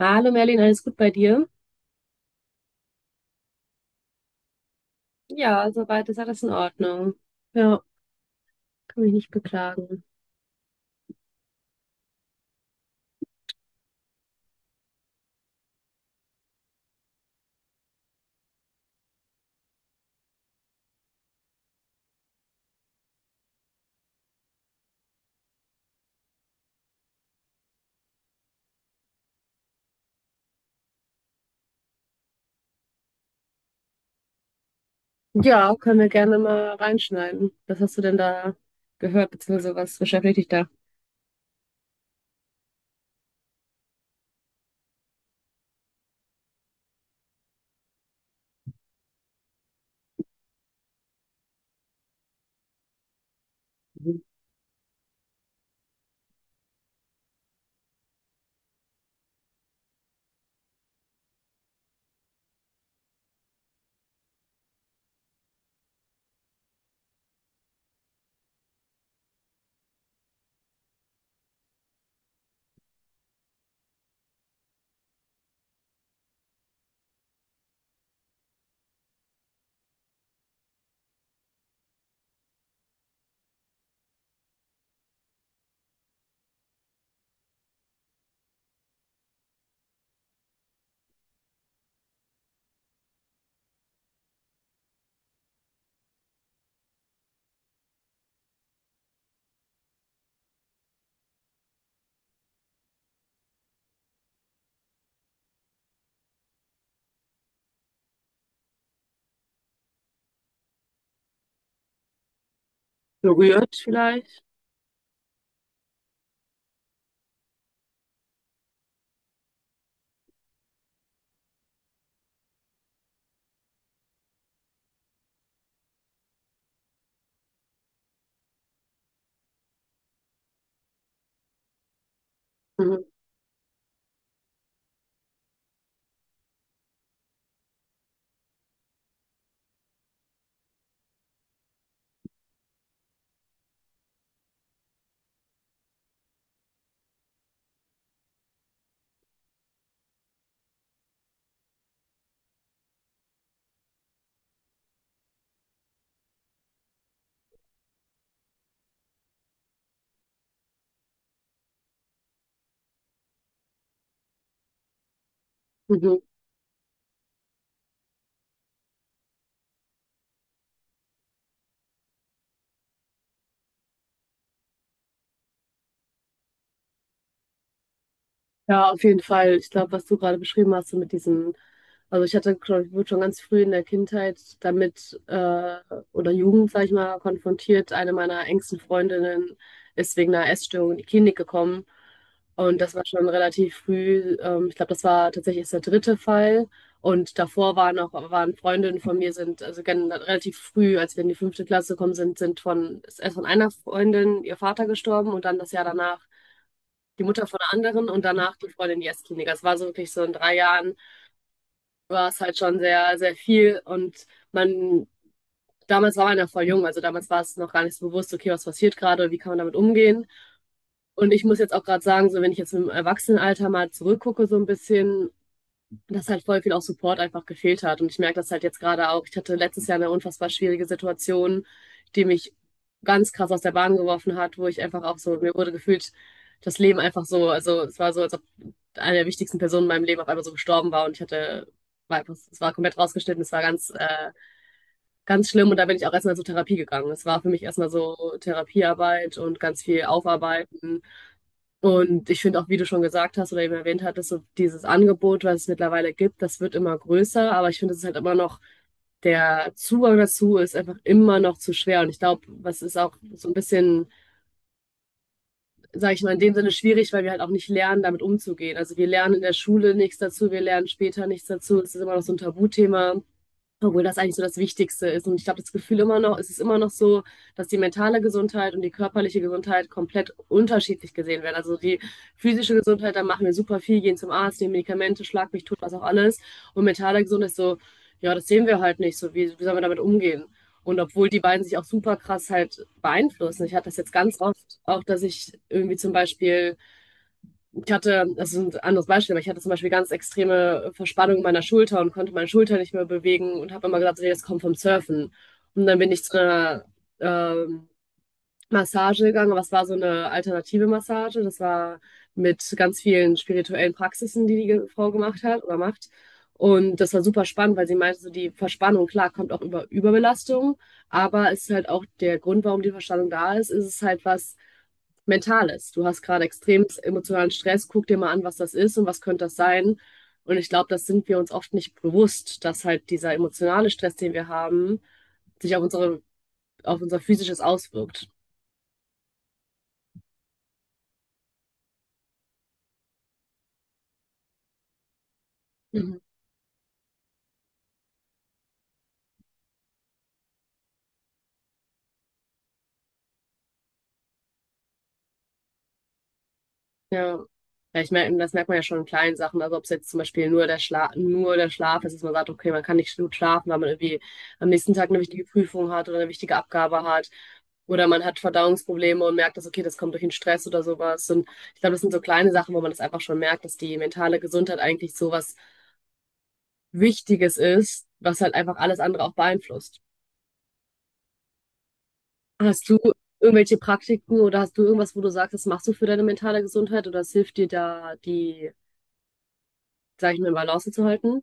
Hallo Merlin, alles gut bei dir? Ja, soweit ist alles in Ordnung. Ja, kann mich nicht beklagen. Ja, können wir gerne mal reinschneiden. Was hast du denn da gehört, beziehungsweise was beschäftigt dich da? Mhm. Berührt vielleicht. Mhm. Mhm. Ja, auf jeden Fall. Ich glaube, was du gerade beschrieben hast, so mit diesem. Also ich hatte, glaube ich, wurde schon ganz früh in der Kindheit damit oder Jugend, sag ich mal, konfrontiert. Eine meiner engsten Freundinnen ist wegen einer Essstörung in die Klinik gekommen. Und das war schon relativ früh. Ich glaube, das war tatsächlich erst der dritte Fall. Und davor waren auch waren Freundinnen von mir, sind also relativ früh, als wir in die fünfte Klasse gekommen sind, ist erst von einer Freundin ihr Vater gestorben und dann das Jahr danach die Mutter von einer anderen und danach die Freundin in die Essklinik. Das war so wirklich so in 3 Jahren war es halt schon sehr, sehr viel und man, damals war man ja voll jung, also damals war es noch gar nicht so bewusst, okay, was passiert gerade und wie kann man damit umgehen. Und ich muss jetzt auch gerade sagen, so wenn ich jetzt im Erwachsenenalter mal zurückgucke so ein bisschen, dass halt voll viel auch Support einfach gefehlt hat. Und ich merke das halt jetzt gerade auch. Ich hatte letztes Jahr eine unfassbar schwierige Situation, die mich ganz krass aus der Bahn geworfen hat, wo ich einfach auch so, mir wurde gefühlt, das Leben einfach so, also es war so, als ob eine der wichtigsten Personen in meinem Leben auf einmal so gestorben war und ich hatte, war einfach, es war komplett rausgeschnitten, es war ganz, ganz schlimm und da bin ich auch erstmal zur Therapie gegangen. Es war für mich erstmal so Therapiearbeit und ganz viel Aufarbeiten und ich finde auch, wie du schon gesagt hast oder eben erwähnt hattest, so dieses Angebot, was es mittlerweile gibt, das wird immer größer, aber ich finde, es ist halt immer noch, der Zugang dazu ist einfach immer noch zu schwer. Und ich glaube, was ist auch so ein bisschen, sage ich mal, in dem Sinne schwierig, weil wir halt auch nicht lernen, damit umzugehen. Also wir lernen in der Schule nichts dazu, wir lernen später nichts dazu. Es ist immer noch so ein Tabuthema. Obwohl das eigentlich so das Wichtigste ist. Und ich glaube, das Gefühl immer noch, es ist immer noch so, dass die mentale Gesundheit und die körperliche Gesundheit komplett unterschiedlich gesehen werden. Also die physische Gesundheit, da machen wir super viel, gehen zum Arzt, nehmen Medikamente, schlag mich tot, was auch alles. Und mentale Gesundheit ist so, ja, das sehen wir halt nicht so. Wie sollen wir damit umgehen? Und obwohl die beiden sich auch super krass halt beeinflussen. Ich hatte das jetzt ganz oft auch, dass ich irgendwie zum Beispiel ich hatte, das ist ein anderes Beispiel, aber ich hatte zum Beispiel ganz extreme Verspannung meiner Schulter und konnte meine Schulter nicht mehr bewegen und habe immer gesagt, nee, das kommt vom Surfen. Und dann bin ich zu einer ähm, Massage gegangen, aber es war so eine alternative Massage. Das war mit ganz vielen spirituellen Praxisen, die die Frau gemacht hat oder macht. Und das war super spannend, weil sie meinte, so die Verspannung, klar, kommt auch über Überbelastung, aber es ist halt auch der Grund, warum die Verspannung da ist, ist es halt was, Mentales. Du hast gerade extrem emotionalen Stress. Guck dir mal an, was das ist und was könnte das sein. Und ich glaube, das sind wir uns oft nicht bewusst, dass halt dieser emotionale Stress, den wir haben, sich auf unsere, auf unser Physisches auswirkt. Mhm. Ja. Ja, ich merke, das merkt man ja schon in kleinen Sachen. Also ob es jetzt zum Beispiel nur der Schlaf ist, dass man sagt, okay, man kann nicht gut schlafen, weil man irgendwie am nächsten Tag eine wichtige Prüfung hat oder eine wichtige Abgabe hat. Oder man hat Verdauungsprobleme und merkt, dass, okay, das kommt durch den Stress oder sowas. Und ich glaube, das sind so kleine Sachen, wo man das einfach schon merkt, dass die mentale Gesundheit eigentlich so was Wichtiges ist, was halt einfach alles andere auch beeinflusst. Hast du irgendwelche Praktiken oder hast du irgendwas, wo du sagst, das machst du für deine mentale Gesundheit oder es hilft dir da, die, sag ich mal, in Balance zu halten?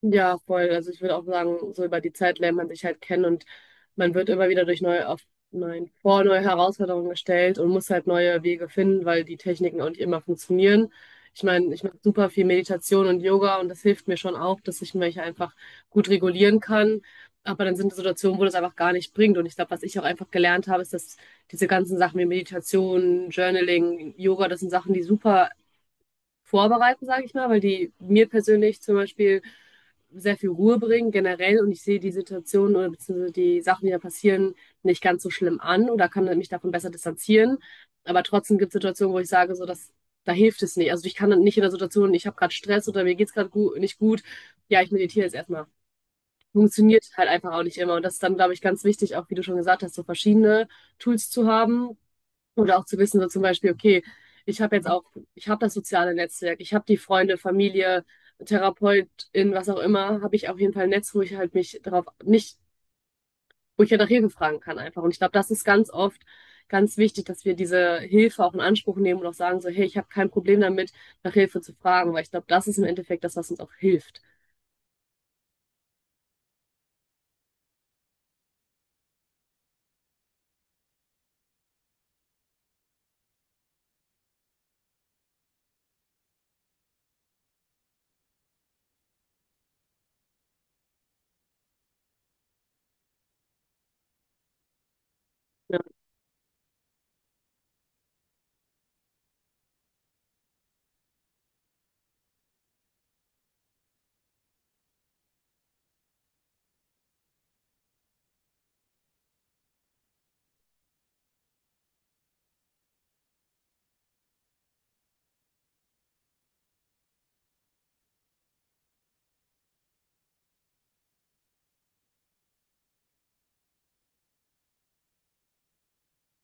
Ja, voll. Also ich würde auch sagen, so über die Zeit lernt man sich halt kennen und man wird immer wieder durch neue, auf neuen, vor neue Herausforderungen gestellt und muss halt neue Wege finden, weil die Techniken auch nicht immer funktionieren. Ich meine, ich mache super viel Meditation und Yoga und das hilft mir schon auch, dass ich mich einfach gut regulieren kann. Aber dann sind Situationen, wo das einfach gar nicht bringt. Und ich glaube, was ich auch einfach gelernt habe, ist, dass diese ganzen Sachen wie Meditation, Journaling, Yoga, das sind Sachen, die super vorbereiten, sage ich mal, weil die mir persönlich zum Beispiel sehr viel Ruhe bringen generell und ich sehe die Situation oder beziehungsweise die Sachen, die da passieren, nicht ganz so schlimm an oder kann mich davon besser distanzieren. Aber trotzdem gibt es Situationen, wo ich sage, so dass da hilft es nicht. Also ich kann dann nicht in der Situation, ich habe gerade Stress oder mir geht's gerade gut, nicht gut. Ja, ich meditiere jetzt erstmal. Funktioniert halt einfach auch nicht immer. Und das ist dann, glaube ich, ganz wichtig, auch wie du schon gesagt hast, so verschiedene Tools zu haben, und auch zu wissen, so zum Beispiel, okay, ich habe jetzt auch, ich habe das soziale Netzwerk, ich habe die Freunde, Familie, Therapeutin, was auch immer, habe ich auf jeden Fall ein Netz, wo ich halt mich darauf nicht, wo ich ja nach Hilfe fragen kann einfach. Und ich glaube, das ist ganz oft ganz wichtig, dass wir diese Hilfe auch in Anspruch nehmen und auch sagen so, hey, ich habe kein Problem damit, nach Hilfe zu fragen, weil ich glaube, das ist im Endeffekt das, was uns auch hilft.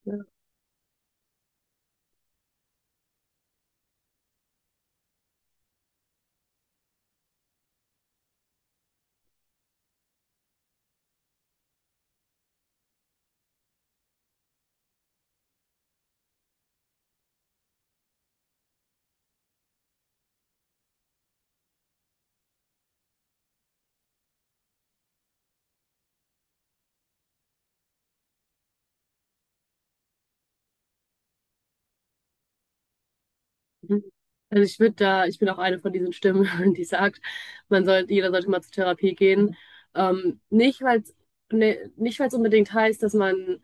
Ja. Mhm. Also ich würde da, ich bin auch eine von diesen Stimmen, die sagt, man sollte, jeder sollte mal zur Therapie gehen. Nicht, weil es ne, nicht, weil es unbedingt heißt,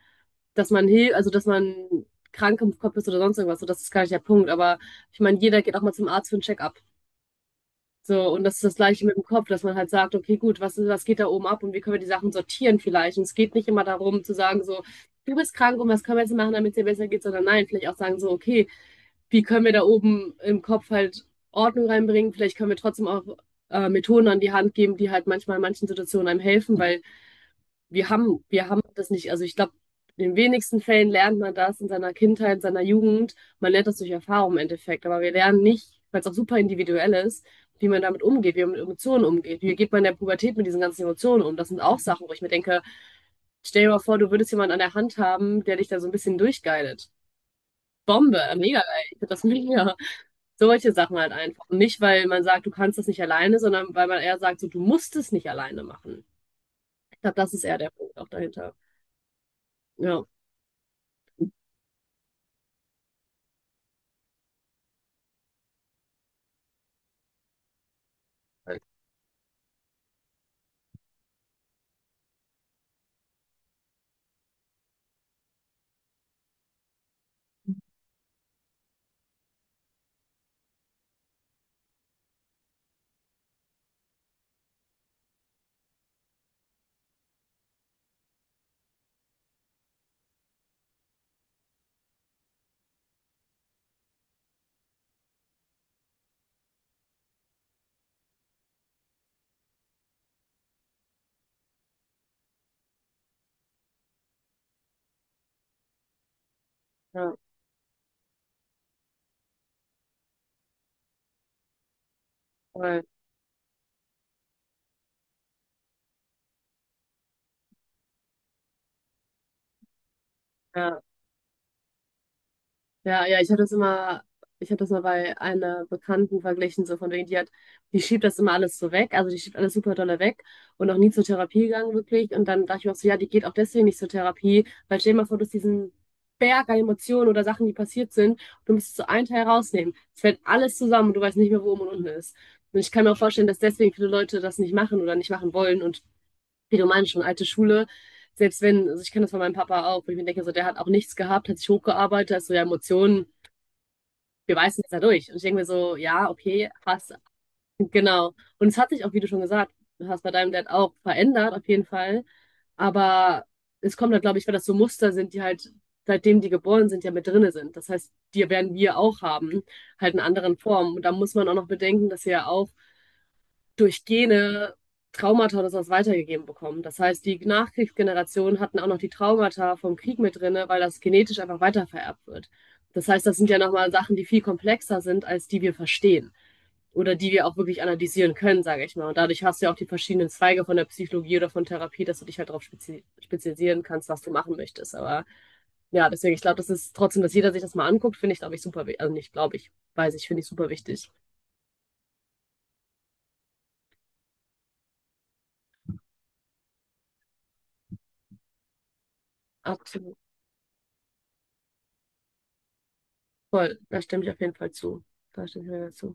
dass man hilft, also dass man krank im Kopf ist oder sonst irgendwas. So, das ist gar nicht der Punkt. Aber ich meine, jeder geht auch mal zum Arzt für ein Check-up. So, und das ist das Gleiche mit dem Kopf, dass man halt sagt, okay, gut, was geht da oben ab und wie können wir die Sachen sortieren vielleicht? Und es geht nicht immer darum zu sagen, so, du bist krank und was können wir jetzt machen, damit es dir besser geht, sondern nein, vielleicht auch sagen so, okay, wie können wir da oben im Kopf halt Ordnung reinbringen. Vielleicht können wir trotzdem auch Methoden an die Hand geben, die halt manchmal in manchen Situationen einem helfen, weil wir haben das nicht. Also ich glaube, in den wenigsten Fällen lernt man das in seiner Kindheit, in seiner Jugend. Man lernt das durch Erfahrung im Endeffekt, aber wir lernen nicht, weil es auch super individuell ist, wie man damit umgeht, wie man mit Emotionen umgeht. Wie geht man in der Pubertät mit diesen ganzen Emotionen um? Das sind auch Sachen, wo ich mir denke, stell dir mal vor, du würdest jemanden an der Hand haben, der dich da so ein bisschen durchgeilt. Bombe, mega geil. Ich finde das mega. Solche Sachen halt einfach, nicht, weil man sagt, du kannst das nicht alleine, sondern weil man eher sagt, so, du musst es nicht alleine machen. Ich glaube, das ist eher der Punkt auch dahinter. Ja. Ja. Voll. Ja. Ja, ja, ich habe das mal bei einer Bekannten verglichen, so von wegen, die schiebt das immer alles so weg, also die schiebt alles super dolle weg und noch nie zur Therapie gegangen, wirklich. Und dann dachte ich mir auch so, ja, die geht auch deswegen nicht zur Therapie, weil stell dir mal vor, du hast diesen Berg an Emotionen oder Sachen, die passiert sind, und du musst so einen Teil rausnehmen. Es fällt alles zusammen und du weißt nicht mehr, wo oben und unten ist. Und ich kann mir auch vorstellen, dass deswegen viele Leute das nicht machen oder nicht machen wollen und wie du meinst, schon alte Schule. Selbst wenn, also ich kenne das von meinem Papa auch, wo ich mir denke, so der hat auch nichts gehabt, hat sich hochgearbeitet, also ja, Emotionen wir beißen jetzt da durch. Und ich denke mir so, ja, okay, passt. Genau. Und es hat sich auch, wie du schon gesagt hast, bei deinem Dad auch verändert, auf jeden Fall. Aber es kommt halt, glaube ich, weil das so Muster sind, die halt, seitdem die geboren sind, ja mit drinne sind. Das heißt, die werden wir auch haben, halt in anderen Formen. Und da muss man auch noch bedenken, dass wir ja auch durch Gene Traumata oder sowas weitergegeben bekommen. Das heißt, die Nachkriegsgenerationen hatten auch noch die Traumata vom Krieg mit drinne, weil das genetisch einfach weitervererbt wird. Das heißt, das sind ja nochmal Sachen, die viel komplexer sind, als die wir verstehen oder die wir auch wirklich analysieren können, sage ich mal. Und dadurch hast du ja auch die verschiedenen Zweige von der Psychologie oder von Therapie, dass du dich halt darauf spezialisieren kannst, was du machen möchtest. Aber ja, deswegen, ich glaube, das ist trotzdem, dass jeder sich das mal anguckt, finde ich, glaube ich, super wichtig. Also nicht, glaube ich, weiß ich, finde ich super wichtig. Absolut. Voll, da stimme ich auf jeden Fall zu. Da stimme ich mir dazu.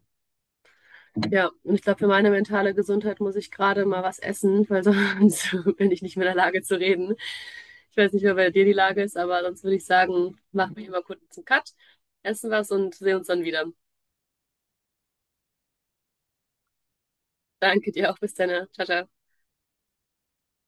Ja, und ich glaube, für meine mentale Gesundheit muss ich gerade mal was essen, weil sonst bin ich nicht mehr in der Lage zu reden. Ich weiß nicht mehr, bei dir die Lage ist, aber sonst würde ich sagen, machen wir hier mal kurz einen Cut, essen was und sehen uns dann wieder. Danke dir auch. Bis dann. Ciao, ciao.